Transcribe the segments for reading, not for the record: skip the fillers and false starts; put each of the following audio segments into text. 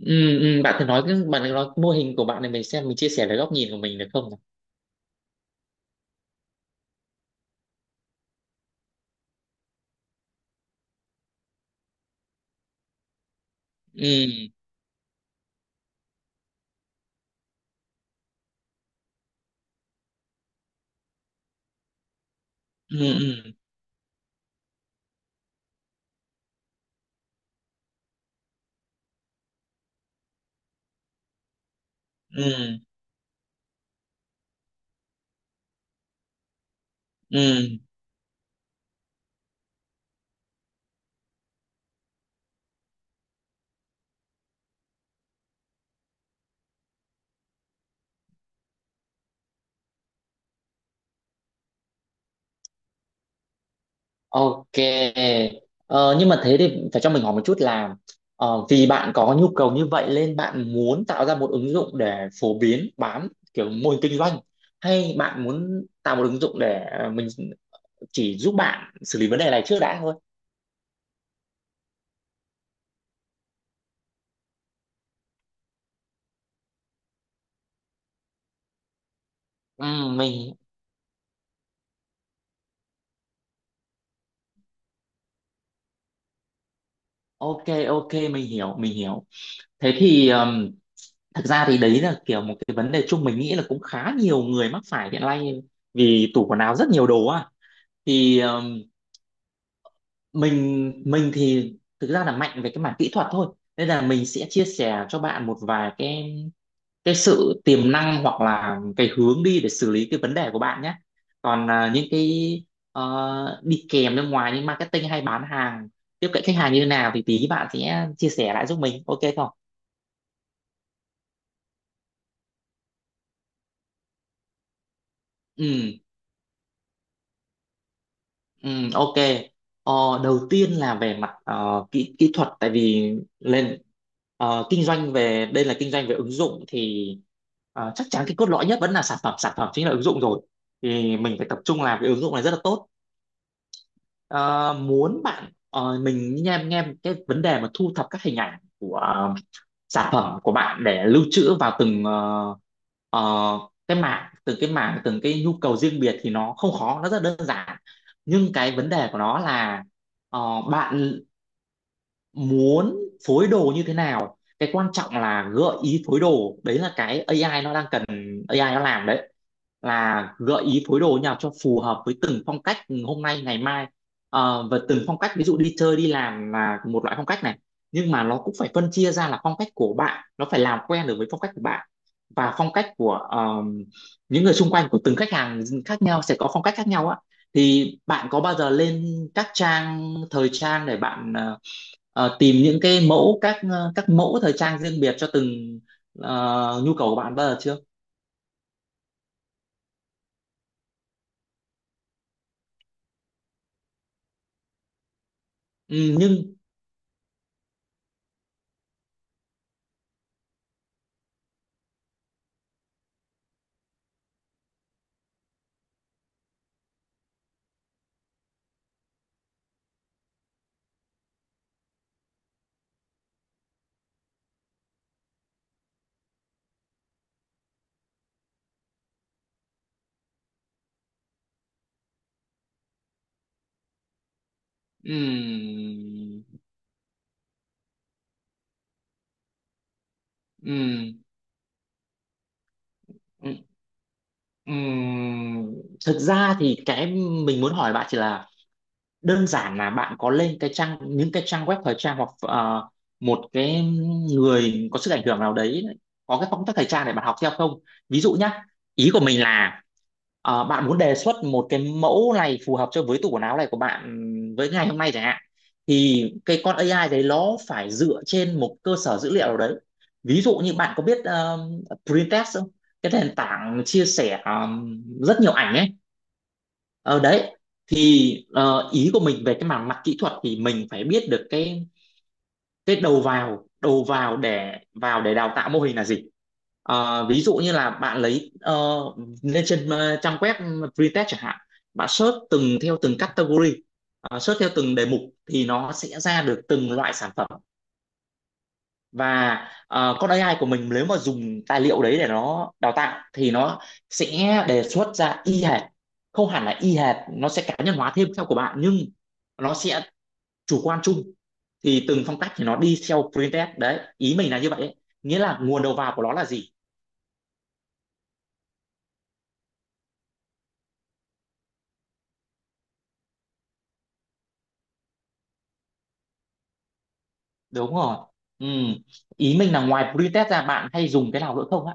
Ừ, bạn thử nói cái mô hình của bạn này, mình xem mình chia sẻ cái góc nhìn của mình được không nào? ừ ừ ừ ừ ừ. Ok. Ờ, nhưng mà thế thì phải cho mình hỏi một chút là, vì bạn có nhu cầu như vậy nên bạn muốn tạo ra một ứng dụng để phổ biến bán kiểu mô hình kinh doanh, hay bạn muốn tạo một ứng dụng để mình chỉ giúp bạn xử lý vấn đề này trước đã thôi? ừ, mình, ok ok, mình hiểu mình hiểu. Thế thì, thực ra thì đấy là kiểu một cái vấn đề chung, mình nghĩ là cũng khá nhiều người mắc phải hiện nay, vì tủ quần áo rất nhiều đồ à. Thì, mình thì thực ra là mạnh về cái mảng kỹ thuật thôi, nên là mình sẽ chia sẻ cho bạn một vài cái sự tiềm năng hoặc là cái hướng đi để xử lý cái vấn đề của bạn nhé. Còn những cái đi kèm bên ngoài như marketing hay bán hàng, tiếp cận khách hàng như thế nào thì tí bạn sẽ chia sẻ lại giúp mình, ok không? Ừ. Ừ, ok. Ờ, Đầu tiên là về mặt ờ, kỹ kỹ thuật, tại vì lên, kinh doanh về đây là kinh doanh về ứng dụng, thì chắc chắn cái cốt lõi nhất vẫn là sản phẩm, sản phẩm chính là ứng dụng rồi, thì mình phải tập trung làm cái ứng dụng này rất là tốt. Mình nghe em nghe cái vấn đề mà thu thập các hình ảnh của sản phẩm của bạn để lưu trữ vào từng ờ, cái mảng từng cái mảng từng cái nhu cầu riêng biệt thì nó không khó, nó rất đơn giản. Nhưng cái vấn đề của nó là, ờ, bạn muốn phối đồ như thế nào, cái quan trọng là gợi ý phối đồ, đấy là cái AI nó đang cần, AI nó làm đấy, là gợi ý phối đồ như nào cho phù hợp với từng phong cách hôm nay ngày mai. Và từng phong cách, ví dụ đi chơi đi làm là một loại phong cách này, nhưng mà nó cũng phải phân chia ra là phong cách của bạn, nó phải làm quen được với phong cách của bạn và phong cách của những người xung quanh, của từng khách hàng khác nhau sẽ có phong cách khác nhau á. Thì bạn có bao giờ lên các trang thời trang để bạn tìm những cái mẫu, các các mẫu thời trang riêng biệt cho từng nhu cầu của bạn bao giờ chưa? Ừ, nhưng, ừm, ừm, ừm, ừm, thực ra thì cái mình muốn hỏi bạn chỉ là, đơn giản là bạn có lên cái trang những cái trang web thời trang, hoặc một cái người có sức ảnh hưởng nào đấy có cái phong cách thời trang để bạn học theo không? Ví dụ nhá, ý của mình là bạn muốn đề xuất một cái mẫu này phù hợp cho với tủ quần áo này của bạn với ngày hôm nay chẳng hạn, thì cái con AI đấy nó phải dựa trên một cơ sở dữ liệu nào đấy. Ví dụ như bạn có biết Pinterest không, cái nền tảng chia sẻ rất nhiều ảnh ấy. Ờ đấy, thì ý của mình về cái mảng mặt kỹ thuật thì mình phải biết được cái đầu vào để đào tạo mô hình là gì. Ví dụ như là bạn lấy lên trên trang web Freetest chẳng hạn, bạn search theo từng category, search theo từng đề mục, thì nó sẽ ra được từng loại sản phẩm. Và con AI của mình nếu mà dùng tài liệu đấy để nó đào tạo thì nó sẽ đề xuất ra y hệt, không hẳn là y hệt, nó sẽ cá nhân hóa thêm theo của bạn, nhưng nó sẽ chủ quan chung, thì từng phong cách thì nó đi theo printf đấy, ý mình là như vậy đấy. Nghĩa là nguồn đầu vào của nó là gì. Đúng rồi. Ừm. Ý mình là ngoài printf ra bạn hay dùng cái nào nữa không ạ?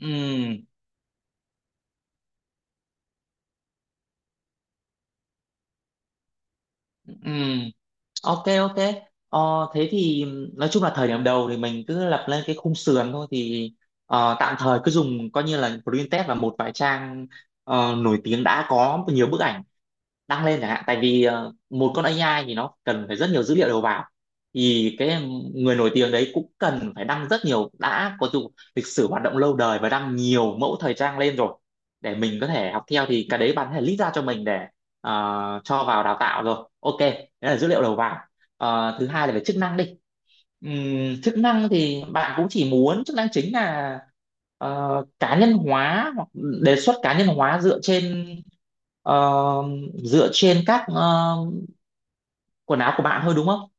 Ừm, ừm. Ok ok. Ờ, Thế thì nói chung là thời điểm đầu thì mình cứ lập lên cái khung sườn thôi, thì tạm thời cứ dùng coi như là print test và một vài trang nổi tiếng đã có nhiều bức ảnh đăng lên chẳng hạn, tại vì một con AI thì nó cần phải rất nhiều dữ liệu đầu vào, thì cái người nổi tiếng đấy cũng cần phải đăng rất nhiều, đã có dù lịch sử hoạt động lâu đời và đăng nhiều mẫu thời trang lên rồi để mình có thể học theo, thì cái đấy bạn có thể list ra cho mình để cho vào đào tạo rồi, ok, đấy là dữ liệu đầu vào. Thứ hai là về chức năng đi. Chức năng thì bạn cũng chỉ muốn chức năng chính là ờ, cá nhân hóa, hoặc đề xuất cá nhân hóa dựa trên ờ, dựa trên các quần áo của bạn thôi đúng không?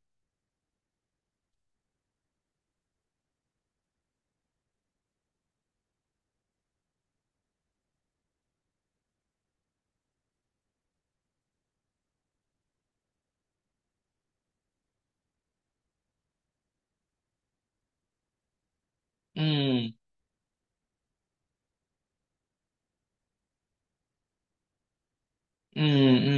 Ừ, ừ, ừ.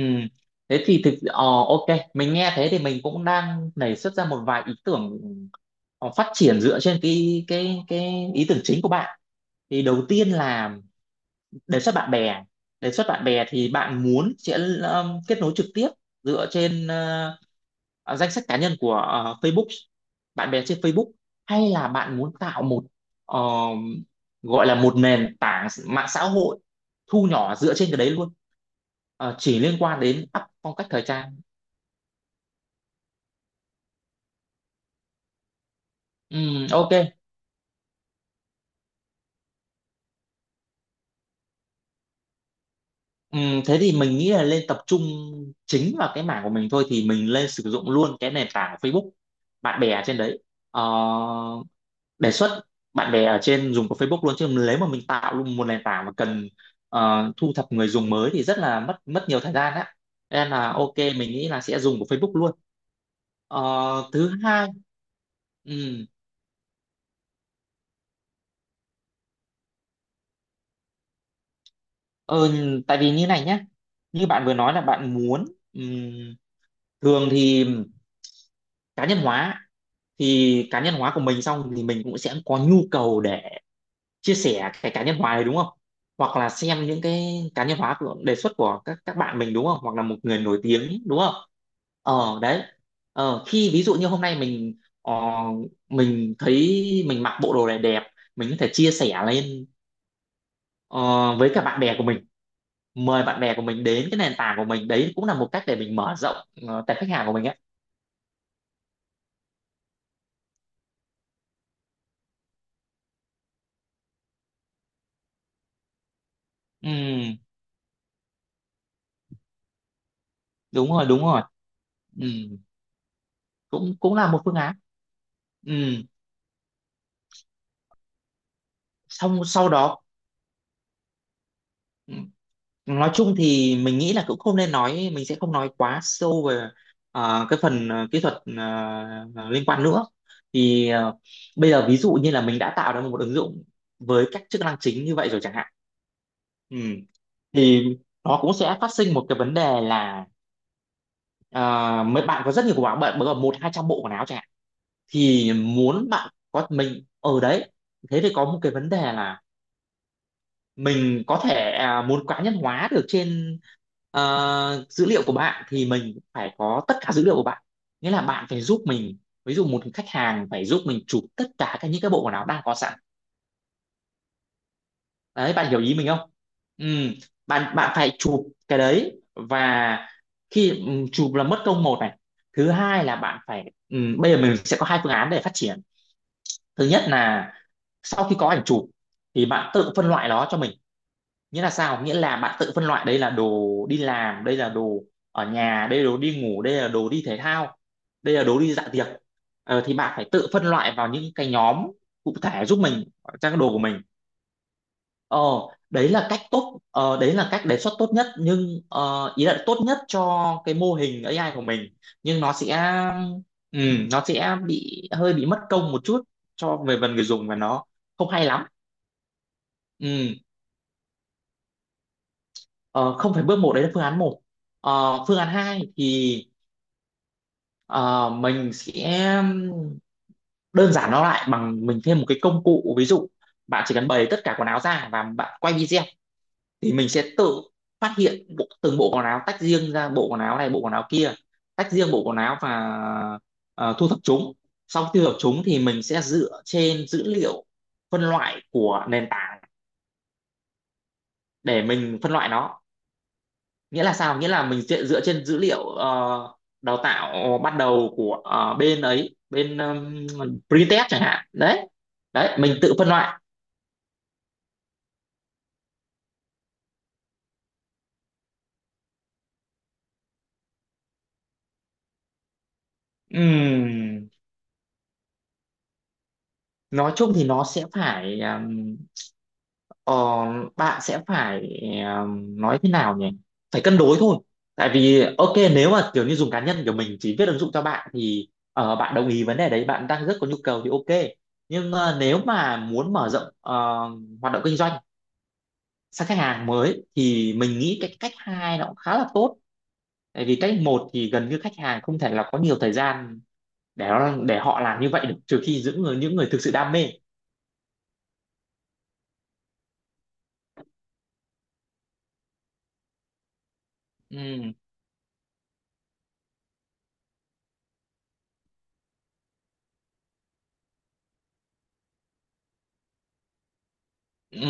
Thế thì ok, mình nghe thế thì mình cũng đang nảy xuất ra một vài ý tưởng phát triển dựa trên cái ý tưởng chính của bạn. Thì đầu tiên là đề xuất bạn bè, đề xuất bạn bè thì bạn muốn sẽ kết nối trực tiếp dựa trên danh sách cá nhân của Facebook, bạn bè trên Facebook, hay là bạn muốn tạo một ờ, gọi là một nền tảng mạng xã hội thu nhỏ dựa trên cái đấy luôn, chỉ liên quan đến up phong cách thời trang? Ok. Thế thì mình nghĩ là lên tập trung chính vào cái mảng của mình thôi, thì mình lên sử dụng luôn cái nền tảng Facebook, bạn bè trên đấy. Ờ, Đề xuất bạn bè ở trên dùng của Facebook luôn, chứ nếu mà mình tạo luôn một nền tảng mà cần thu thập người dùng mới thì rất là mất mất nhiều thời gian á, nên là ok mình nghĩ là sẽ dùng của Facebook luôn. Ờ, Thứ hai, ừ, ờ, tại vì như này nhá, như bạn vừa nói là bạn muốn ừm, thường thì cá nhân hóa, thì cá nhân hóa của mình xong thì mình cũng sẽ có nhu cầu để chia sẻ cái cá nhân hóa này đúng không, hoặc là xem những cái cá nhân hóa của đề xuất của các bạn mình đúng không, hoặc là một người nổi tiếng đúng không. Ờ đấy, khi ví dụ như hôm nay mình mình thấy mình mặc bộ đồ này đẹp, mình có thể chia sẻ lên ờ, với cả bạn bè của mình, mời bạn bè của mình đến cái nền tảng của mình, đấy cũng là một cách để mình mở rộng tệp khách hàng của mình ấy. ừ, Đúng rồi đúng rồi. Ừ, cũng cũng là một phương án. Ừ. Xong sau đó, Ừ. nói chung thì mình nghĩ là cũng không nên nói, mình sẽ không nói quá sâu về cái phần kỹ thuật liên quan nữa, thì bây giờ ví dụ như là mình đã tạo ra một ứng dụng với các chức năng chính như vậy rồi chẳng hạn. Ừ. Thì nó cũng sẽ phát sinh một cái vấn đề là ờ, mấy bạn có rất nhiều bộ áo, bạn có một hai trăm bộ quần áo chẳng hạn, thì muốn bạn có mình ở đấy. Thế thì có một cái vấn đề là mình có thể muốn cá nhân hóa được trên dữ liệu của bạn, thì mình phải có tất cả dữ liệu của bạn. Nghĩa là bạn phải giúp mình, ví dụ một khách hàng phải giúp mình chụp tất cả các những cái bộ quần áo đang có sẵn. Đấy, bạn hiểu ý mình không? ừ, bạn bạn phải chụp cái đấy, và khi chụp là mất công một này. Thứ hai là bạn phải, bây giờ mình sẽ có hai phương án để phát triển. Thứ nhất là sau khi có ảnh chụp thì bạn tự phân loại nó cho mình. Nghĩa là sao? Nghĩa là bạn tự phân loại đây là đồ đi làm, đây là đồ ở nhà, đây là đồ đi ngủ, đây là đồ đi thể thao, đây là đồ đi dạ tiệc. Ờ, thì bạn phải tự phân loại vào những cái nhóm cụ thể giúp mình, trong cái đồ của mình. ờ Đấy là cách tốt, đấy là cách đề xuất tốt nhất, nhưng ý là tốt nhất cho cái mô hình AI của mình. Nhưng nó sẽ, ừ, nó sẽ bị hơi bị mất công một chút cho về phần người dùng, và nó không hay lắm. Ừ. Ờ, không phải bước một, đấy là phương án một. Ờ, phương án hai thì ờ, mình sẽ đơn giản nó lại bằng mình thêm một cái công cụ. Ví dụ bạn chỉ cần bày tất cả quần áo ra và bạn quay video, thì mình sẽ tự phát hiện bộ, từng bộ quần áo tách riêng ra, bộ quần áo này bộ quần áo kia, tách riêng bộ quần áo và thu thập chúng. Sau khi thu thập chúng thì mình sẽ dựa trên dữ liệu phân loại của nền tảng để mình phân loại nó. Nghĩa là sao? Nghĩa là mình dựa trên dữ liệu đào tạo bắt đầu của bên ấy, bên Britest chẳng hạn đấy. Đấy, mình tự phân loại. Ừm, nói chung thì nó sẽ phải, ờ, bạn sẽ phải, nói thế nào nhỉ, phải cân đối thôi. Tại vì ok, nếu mà kiểu như dùng cá nhân của mình chỉ viết ứng dụng cho bạn thì bạn đồng ý vấn đề đấy, bạn đang rất có nhu cầu thì ok. Nhưng nếu mà muốn mở rộng hoạt động kinh doanh sang khách hàng mới thì mình nghĩ cái cách hai nó cũng khá là tốt. Tại vì cách một thì gần như khách hàng không thể là có nhiều thời gian để để họ làm như vậy được, trừ khi những người thực sự đam mê. Ừ. Ừ.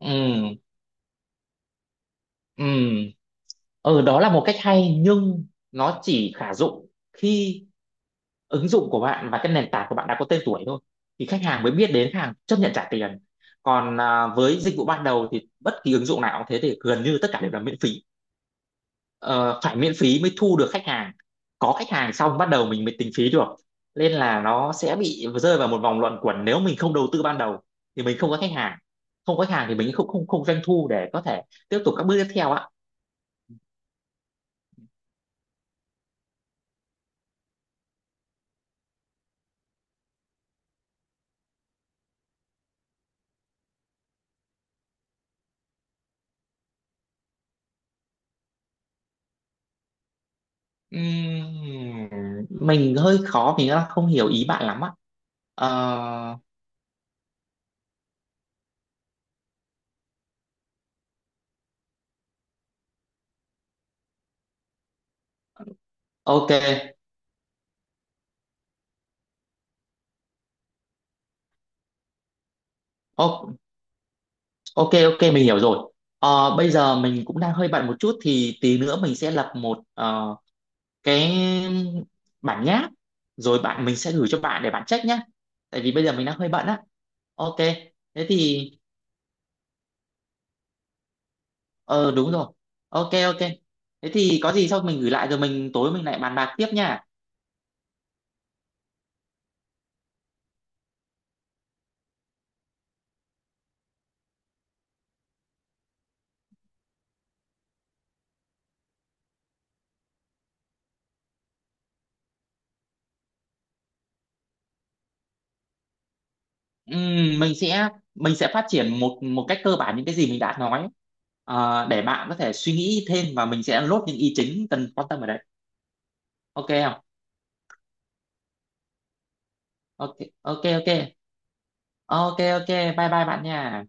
Ừ. Ừ. Ừ, đó là một cách hay, nhưng nó chỉ khả dụng khi ứng dụng của bạn và cái nền tảng của bạn đã có tên tuổi thôi, thì khách hàng mới biết đến, khách hàng chấp nhận trả tiền. Còn với dịch vụ ban đầu thì bất kỳ ứng dụng nào cũng thế, thì gần như tất cả đều là miễn phí. Ờ, Phải miễn phí mới thu được khách hàng, có khách hàng xong bắt đầu mình mới tính phí được. Nên là nó sẽ bị rơi vào một vòng luẩn quẩn, nếu mình không đầu tư ban đầu thì mình không có khách hàng, không có khách hàng thì mình không không không doanh thu để có thể tiếp tục các bước tiếp theo ạ. Ừm, mình hơi khó, mình đang không hiểu ý bạn lắm á. Ờ, ok. O- ok, mình hiểu rồi. Ờ, bây giờ mình cũng đang hơi bận một chút, thì tí nữa mình sẽ lập một cái bản nháp rồi mình sẽ gửi cho bạn để bạn check nhá. Tại vì bây giờ mình đang hơi bận á. Ok. Thế thì, ờ đúng rồi. Ok, thế thì có gì sau mình gửi lại, rồi mình tối mình lại bàn bạc tiếp nha. Ừm, mình sẽ mình sẽ phát triển một một cách cơ bản những cái gì mình đã nói. Ờ, để bạn có thể suy nghĩ thêm, và mình sẽ lốt những ý chính cần quan tâm ở đấy. Ok không? Ok ok. Ok ok. Ok Bye bye bạn nha.